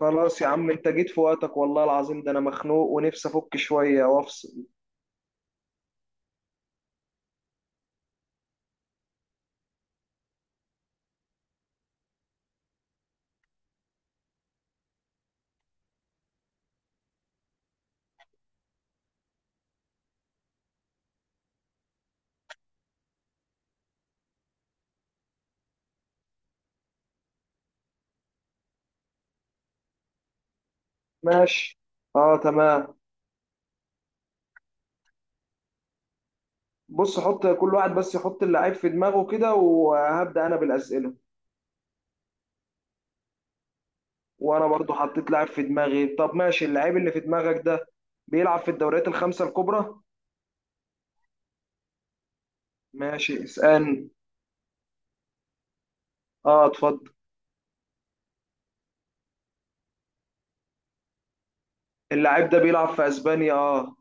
خلاص يا عم، انت جيت في وقتك والله العظيم. ده انا مخنوق ونفسي افك شويه وافصل. ماشي. اه، تمام. بص، حط كل واحد بس يحط اللعيب في دماغه كده وهبدأ انا بالاسئله. وانا برضو حطيت لعيب في دماغي. طب ماشي، اللعيب اللي في دماغك ده بيلعب في الدوريات الخمسه الكبرى. ماشي اسألني. اه اتفضل. اللعيب ده بيلعب في اسبانيا؟ اه.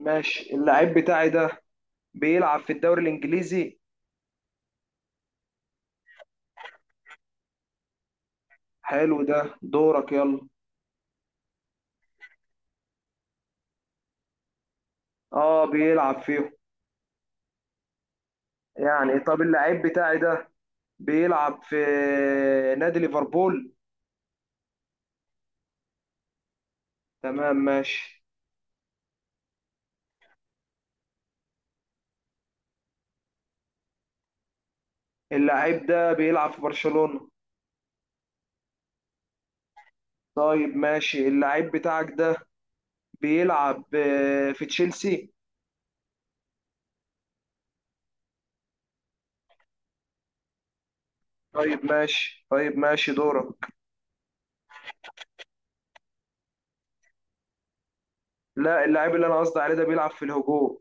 ماشي، اللعيب بتاعي ده بيلعب في الدوري الانجليزي. حلو، ده دورك يلا. اه بيلعب فيه. يعني طب اللعيب بتاعي ده بيلعب في نادي ليفربول. تمام ماشي. اللعيب ده بيلعب في برشلونة. طيب ماشي، اللعيب بتاعك ده بيلعب في تشيلسي؟ طيب ماشي، طيب ماشي دورك. لا، اللعيب اللي انا قصدي عليه ده بيلعب في الهجوم.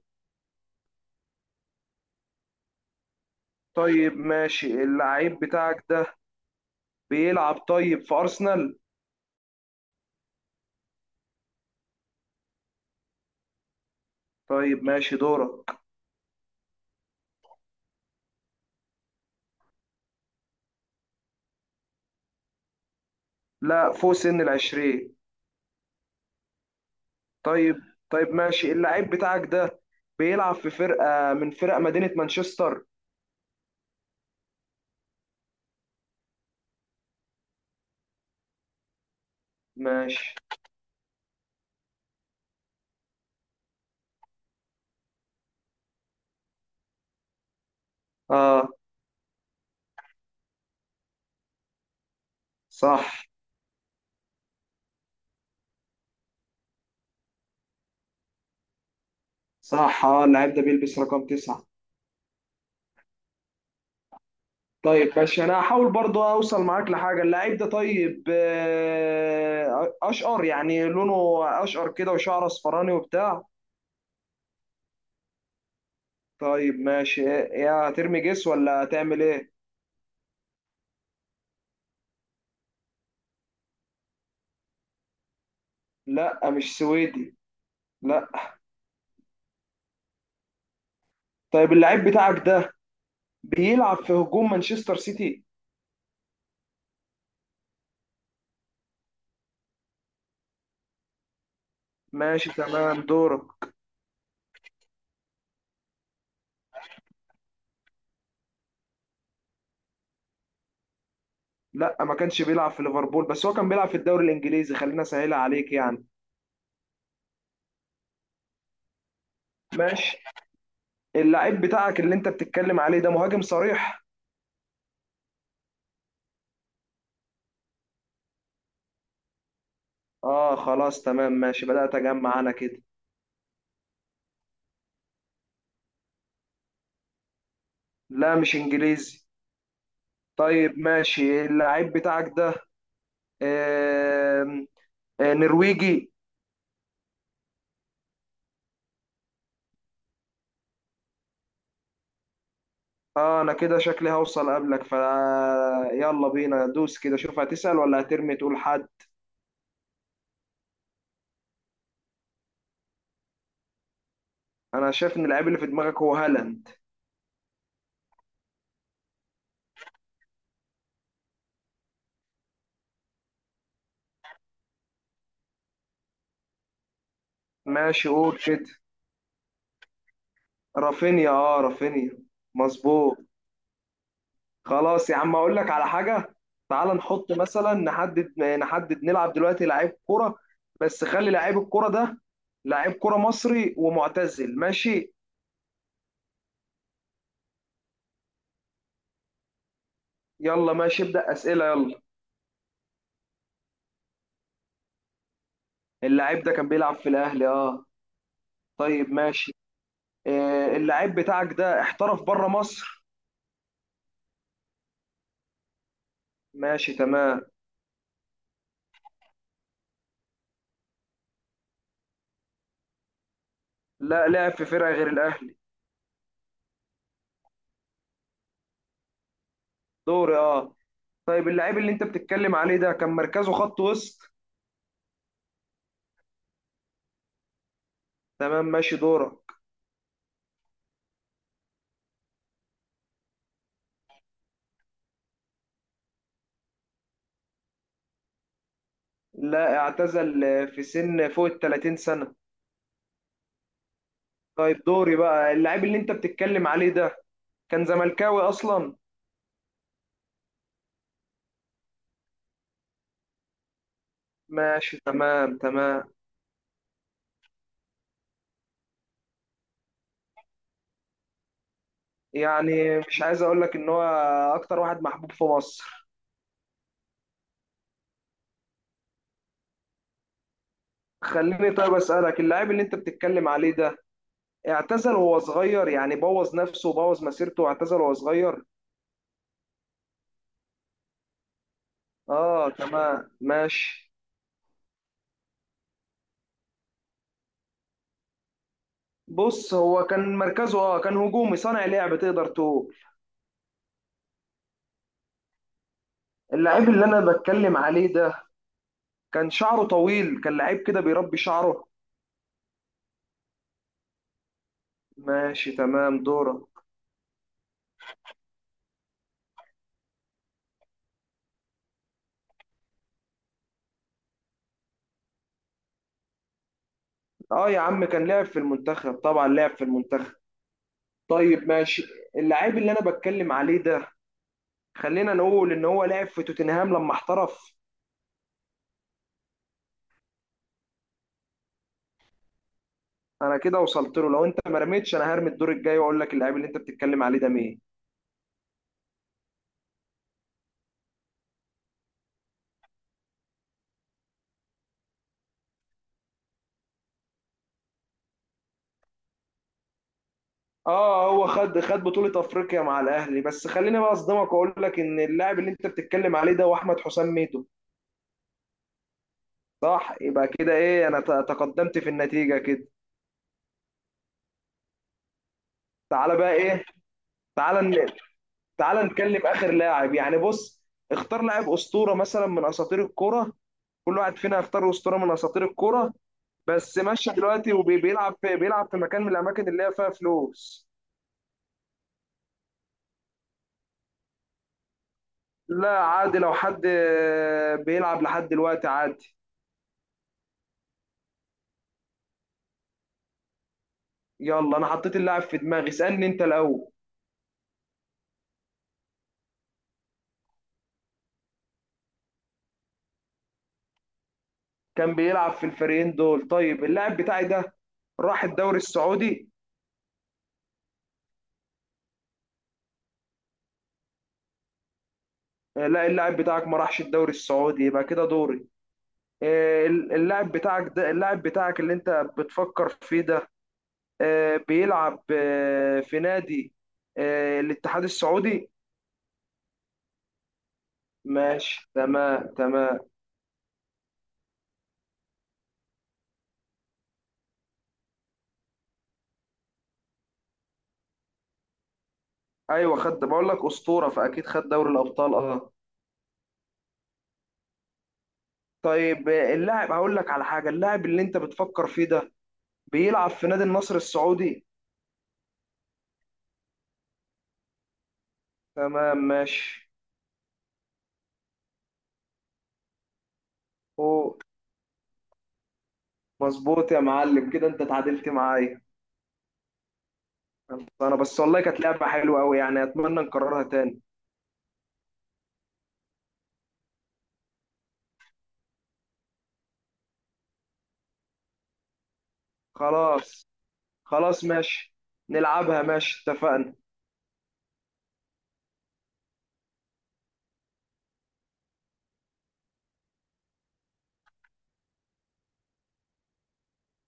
طيب ماشي، اللعيب بتاعك ده بيلعب طيب في أرسنال؟ طيب ماشي دورك. لا، فوق سن العشرين. طيب. طيب ماشي، اللعيب بتاعك ده بيلعب في فرقة من فرق مدينة مانشستر؟ ماشي. اه صح، صح، اه اللعيب ده بيلبس رقم تسعة. طيب ماشي، انا هحاول برضو اوصل معاك لحاجة. اللعيب ده طيب اشقر يعني لونه، اشقر كده وشعره اصفراني وبتاع. طيب ماشي. يا ترمي جس ولا هتعمل ايه؟ لا مش سويدي، لا. طيب اللعيب بتاعك ده بيلعب في هجوم مانشستر سيتي. ماشي تمام دوره. لا ما كانش بيلعب في ليفربول، بس هو كان بيلعب في الدوري الانجليزي، خلينا اسهلها عليك يعني. ماشي. اللعيب بتاعك اللي انت بتتكلم عليه ده مهاجم صريح؟ اه خلاص تمام ماشي، بدأت اجمع انا كده. لا مش انجليزي. طيب ماشي، اللعيب بتاعك ده آم، نرويجي. اه انا كده شكلي هوصل قبلك، ف يلا بينا دوس كده، شوف هتسأل ولا هترمي تقول حد. انا شايف ان اللعيب اللي في دماغك هو هالاند. ماشي قول كده. رافينيا، اه، رافينيا. مظبوط. خلاص يا عم اقول لك على حاجه. تعال نحط مثلا، نحدد نلعب دلوقتي لعيب كرة، بس خلي لعيب الكرة ده لعيب كرة مصري ومعتزل، ماشي. يلا ماشي، ابدأ أسئلة يلا. اللعيب ده كان بيلعب في الأهلي، اه. طيب ماشي. آه، اللعيب بتاعك ده احترف بره مصر. ماشي تمام. لا، لعب في فرقة غير الأهلي. دوري اه. طيب اللعيب اللي انت بتتكلم عليه ده كان مركزه خط وسط؟ تمام ماشي دورك. لا، اعتزل في سن فوق ال 30 سنة. طيب دوري بقى. اللاعب اللي انت بتتكلم عليه ده كان زملكاوي اصلا. ماشي تمام تمام. يعني مش عايز اقول لك ان هو اكتر واحد محبوب في مصر. خليني طيب اسالك، اللاعب اللي انت بتتكلم عليه ده اعتزل وهو صغير، يعني بوظ نفسه وبوظ مسيرته واعتزل وهو صغير. اه تمام ماشي. بص هو كان مركزه، اه، كان هجومي، صانع لعب تقدر تقول. اللاعب اللي انا بتكلم عليه ده كان شعره طويل، كان لعيب كده بيربي شعره. ماشي تمام دورك. اه يا عم كان لعب في المنتخب، طبعا لعب في المنتخب. طيب ماشي، اللاعب اللي انا بتكلم عليه ده خلينا نقول ان هو لعب في توتنهام لما احترف. انا كده وصلت له، لو انت ما رميتش انا هرمي الدور الجاي واقول لك اللاعب اللي انت بتتكلم عليه ده مين. اه هو خد، خد بطولة افريقيا مع الاهلي، بس خليني بقى اصدمك واقول لك ان اللاعب اللي انت بتتكلم عليه ده هو احمد حسام ميدو. صح، يبقى كده ايه انا تقدمت في النتيجة كده. تعالى بقى ايه. تعالى. تعال نتكلم اخر لاعب يعني، بص اختار لاعب اسطوره مثلا من اساطير الكوره، كل واحد فينا يختار اسطوره من اساطير الكوره، بس ماشي دلوقتي، وبيلعب في، بيلعب في مكان من الاماكن اللي هي فيها فلوس. لا عادي لو حد بيلعب لحد دلوقتي عادي. يلا انا حطيت اللاعب في دماغي، اسالني انت الاول. كان بيلعب في الفريقين دول؟ طيب اللاعب بتاعي ده راح الدوري السعودي. لا اللاعب بتاعك ما راحش الدوري السعودي، يبقى كده دوري. اللاعب بتاعك ده، اللاعب بتاعك اللي انت بتفكر فيه ده، بيلعب في نادي الاتحاد السعودي؟ ماشي تمام تمام. ايوه خد، بقول لك اسطوره فاكيد خد دوري الابطال، اه. طيب اللاعب، هقول لك على حاجه، اللاعب اللي انت بتفكر فيه ده بيلعب في نادي النصر السعودي. تمام ماشي. هو مظبوط يا معلم، كده انت اتعادلت معايا. انا بس والله كانت لعبه حلوه قوي يعني، اتمنى نكررها تاني. خلاص. خلاص ماشي، نلعبها ماشي، اتفقنا.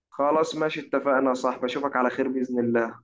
خلاص ماشي، اتفقنا يا صاحبي، اشوفك على خير بإذن الله.